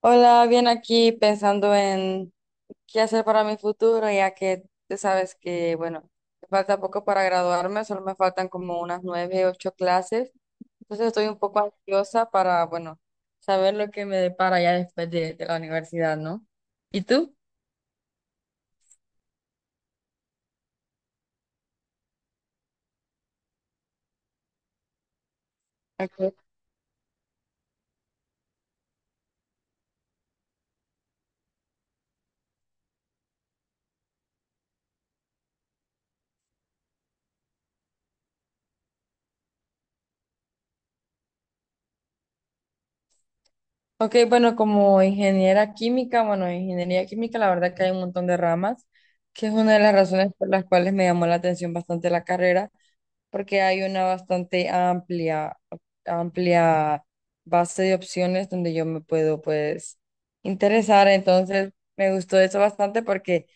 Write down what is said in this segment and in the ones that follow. Hola, bien aquí pensando en qué hacer para mi futuro, ya que tú sabes que, bueno, me falta poco para graduarme, solo me faltan como unas nueve, ocho clases. Entonces estoy un poco ansiosa para, bueno, saber lo que me depara ya después de la universidad, ¿no? ¿Y tú? Okay. Ok, bueno, como ingeniera química, bueno, ingeniería química, la verdad que hay un montón de ramas, que es una de las razones por las cuales me llamó la atención bastante la carrera porque hay una bastante amplia, amplia base de opciones donde yo me puedo pues interesar. Entonces me gustó eso bastante porque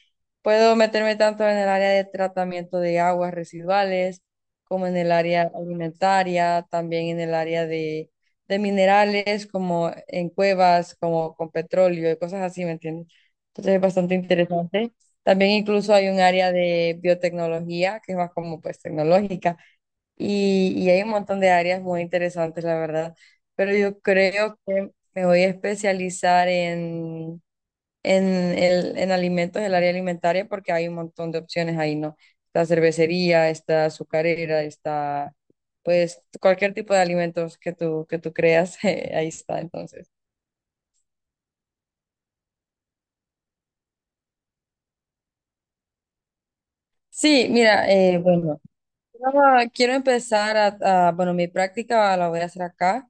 puedo meterme tanto en el área de tratamiento de aguas residuales como en el área alimentaria, también en el área de minerales como en cuevas, como con petróleo y cosas así, ¿me entiendes? Entonces es bastante interesante. También incluso hay un área de biotecnología que es más como pues tecnológica y hay un montón de áreas muy interesantes, la verdad, pero yo creo que me voy a especializar en, en alimentos, el área alimentaria, porque hay un montón de opciones ahí, ¿no? Está cervecería, está azucarera, está, pues, cualquier tipo de alimentos que tú creas, ahí está, entonces. Sí, mira, bueno, quiero empezar a, bueno, mi práctica la voy a hacer acá.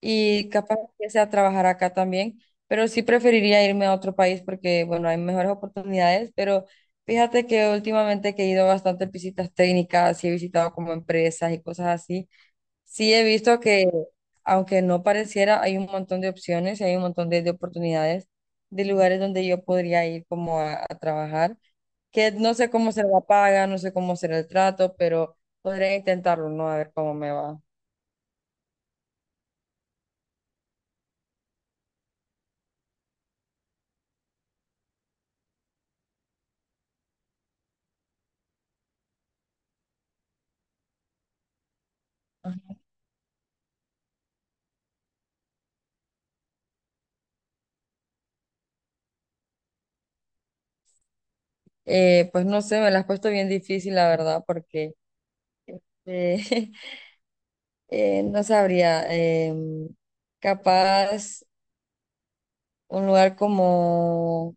Y capaz empiece a trabajar acá también, pero sí preferiría irme a otro país porque, bueno, hay mejores oportunidades, pero fíjate que últimamente que he ido bastante visitas técnicas y he visitado como empresas y cosas así, sí he visto que, aunque no pareciera, hay un montón de opciones y hay un montón de oportunidades de lugares donde yo podría ir como a trabajar que no sé cómo se la paga, no sé cómo será el trato, pero podría intentarlo, ¿no? A ver cómo me va. Pues no sé, me la has puesto bien difícil, la verdad, porque eh, no sabría. em, Capaz un lugar como,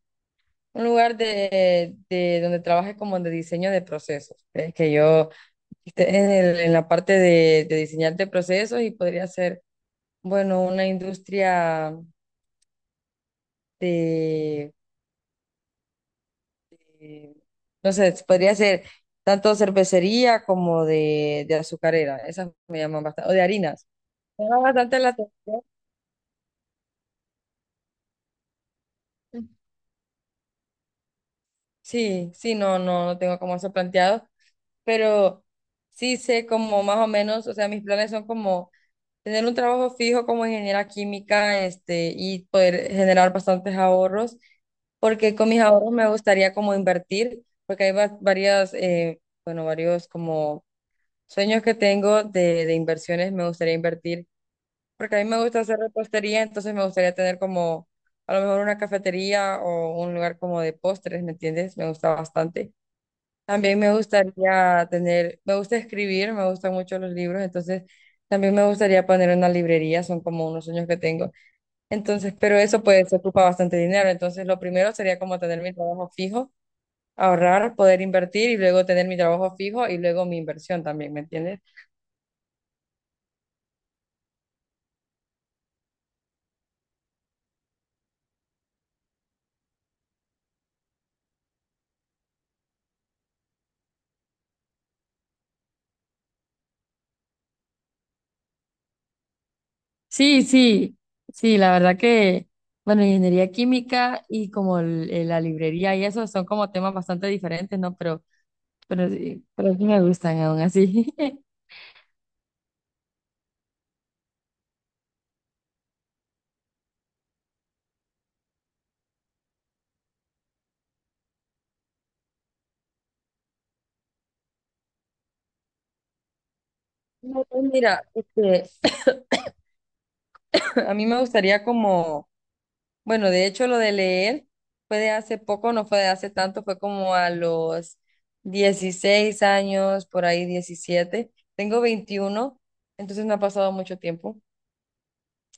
un lugar de donde trabaje como de diseño de procesos. Es que yo esté en en la parte de diseñar de procesos y podría ser, bueno, una industria de, de- no sé, podría ser tanto cervecería como de azucarera. Esas me llaman bastante, o de harinas. Llama bastante la atención. Sí, sí, no, no, no tengo como eso planteado, pero sí sé como más o menos, o sea, mis planes son como tener un trabajo fijo como ingeniera química, este, y poder generar bastantes ahorros, porque con mis ahorros me gustaría como invertir, porque hay varias, bueno, varios como sueños que tengo de inversiones, me gustaría invertir. Porque a mí me gusta hacer repostería, entonces me gustaría tener como a lo mejor una cafetería o un lugar como de postres, ¿me entiendes? Me gusta bastante. También me gustaría tener, me gusta escribir, me gustan mucho los libros, entonces también me gustaría poner una librería, son como unos sueños que tengo. Entonces, pero eso pues ocupa bastante dinero, entonces lo primero sería como tener mi trabajo fijo, ahorrar, poder invertir y luego tener mi trabajo fijo y luego mi inversión también, ¿me entiendes? Sí, sí, sí, la verdad que, bueno, ingeniería química y como la librería y eso son como temas bastante diferentes, ¿no? Pero sí me gustan aún así. No, no, mira, este, a mí me gustaría como, bueno, de hecho lo de leer fue de hace poco, no fue de hace tanto, fue como a los 16 años, por ahí 17. Tengo 21, entonces no ha pasado mucho tiempo.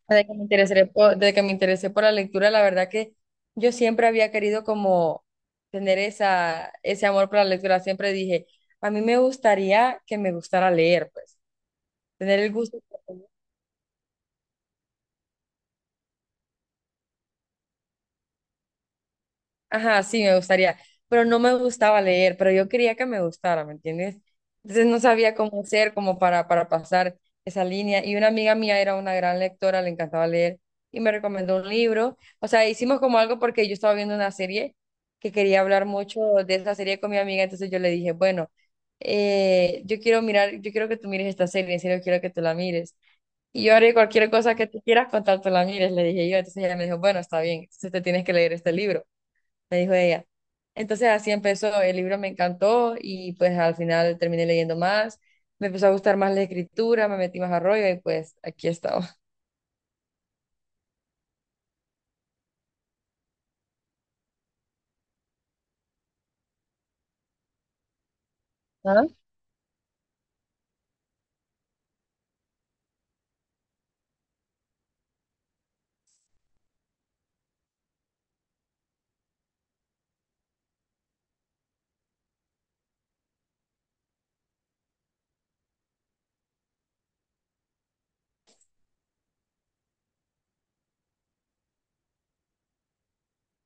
Desde que me interesé por, desde que me interesé por la lectura, la verdad que yo siempre había querido como tener esa, ese amor por la lectura. Siempre dije, a mí me gustaría que me gustara leer, pues, tener el gusto. Ajá, sí, me gustaría, pero no me gustaba leer, pero yo quería que me gustara, ¿me entiendes? Entonces no sabía cómo hacer como para pasar esa línea y una amiga mía era una gran lectora, le encantaba leer y me recomendó un libro, o sea, hicimos como algo porque yo estaba viendo una serie que quería hablar mucho de esa serie con mi amiga, entonces yo le dije, bueno, yo quiero mirar, yo quiero que tú mires esta serie, en serio quiero que tú la mires. Y yo haré cualquier cosa que tú quieras contar, tú la mires, le dije yo. Entonces ella me dijo, bueno, está bien, entonces te tienes que leer este libro, me dijo ella. Entonces así empezó, el libro me encantó y pues al final terminé leyendo más, me empezó a gustar más la escritura, me metí más a rollo y pues aquí estaba. Ah,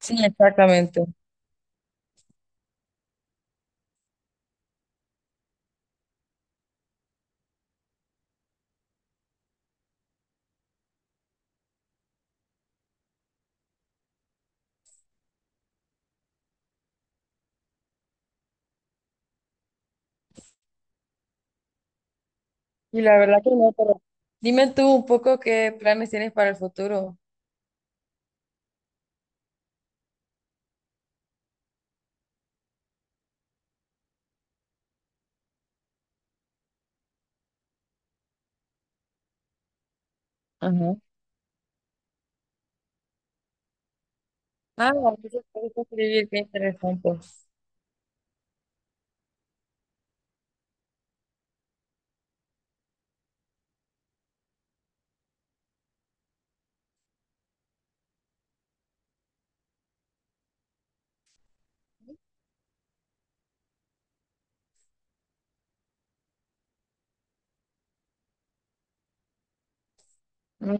sí, exactamente. Y la verdad que no, pero... Dime tú un poco qué planes tienes para el futuro. Ajá. Ah, bueno, entonces te gusta escribir, qué interesante. Mm,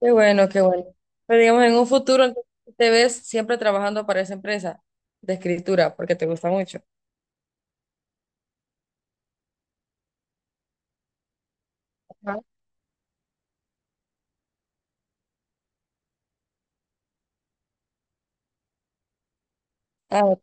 qué bueno, qué bueno. Pero digamos, en un futuro entonces, te ves siempre trabajando para esa empresa de escritura porque te gusta mucho. Ajá. Ah, ok.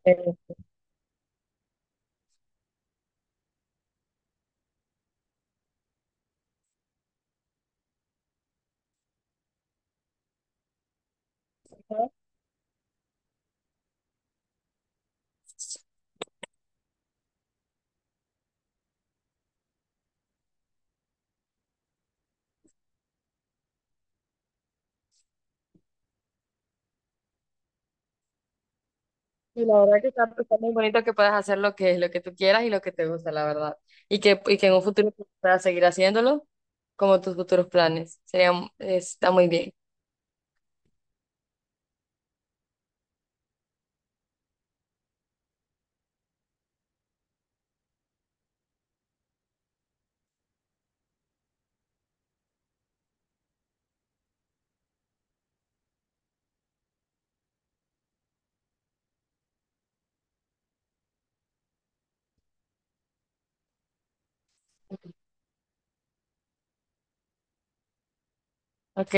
Y la verdad que está, está muy bonito que puedas hacer lo que tú quieras y lo que te gusta, la verdad. Y que en un futuro puedas seguir haciéndolo como tus futuros planes. Sería, está muy bien. Ok,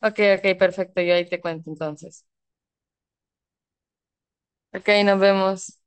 ok, ok, perfecto. Yo ahí te cuento entonces. Ok, nos vemos.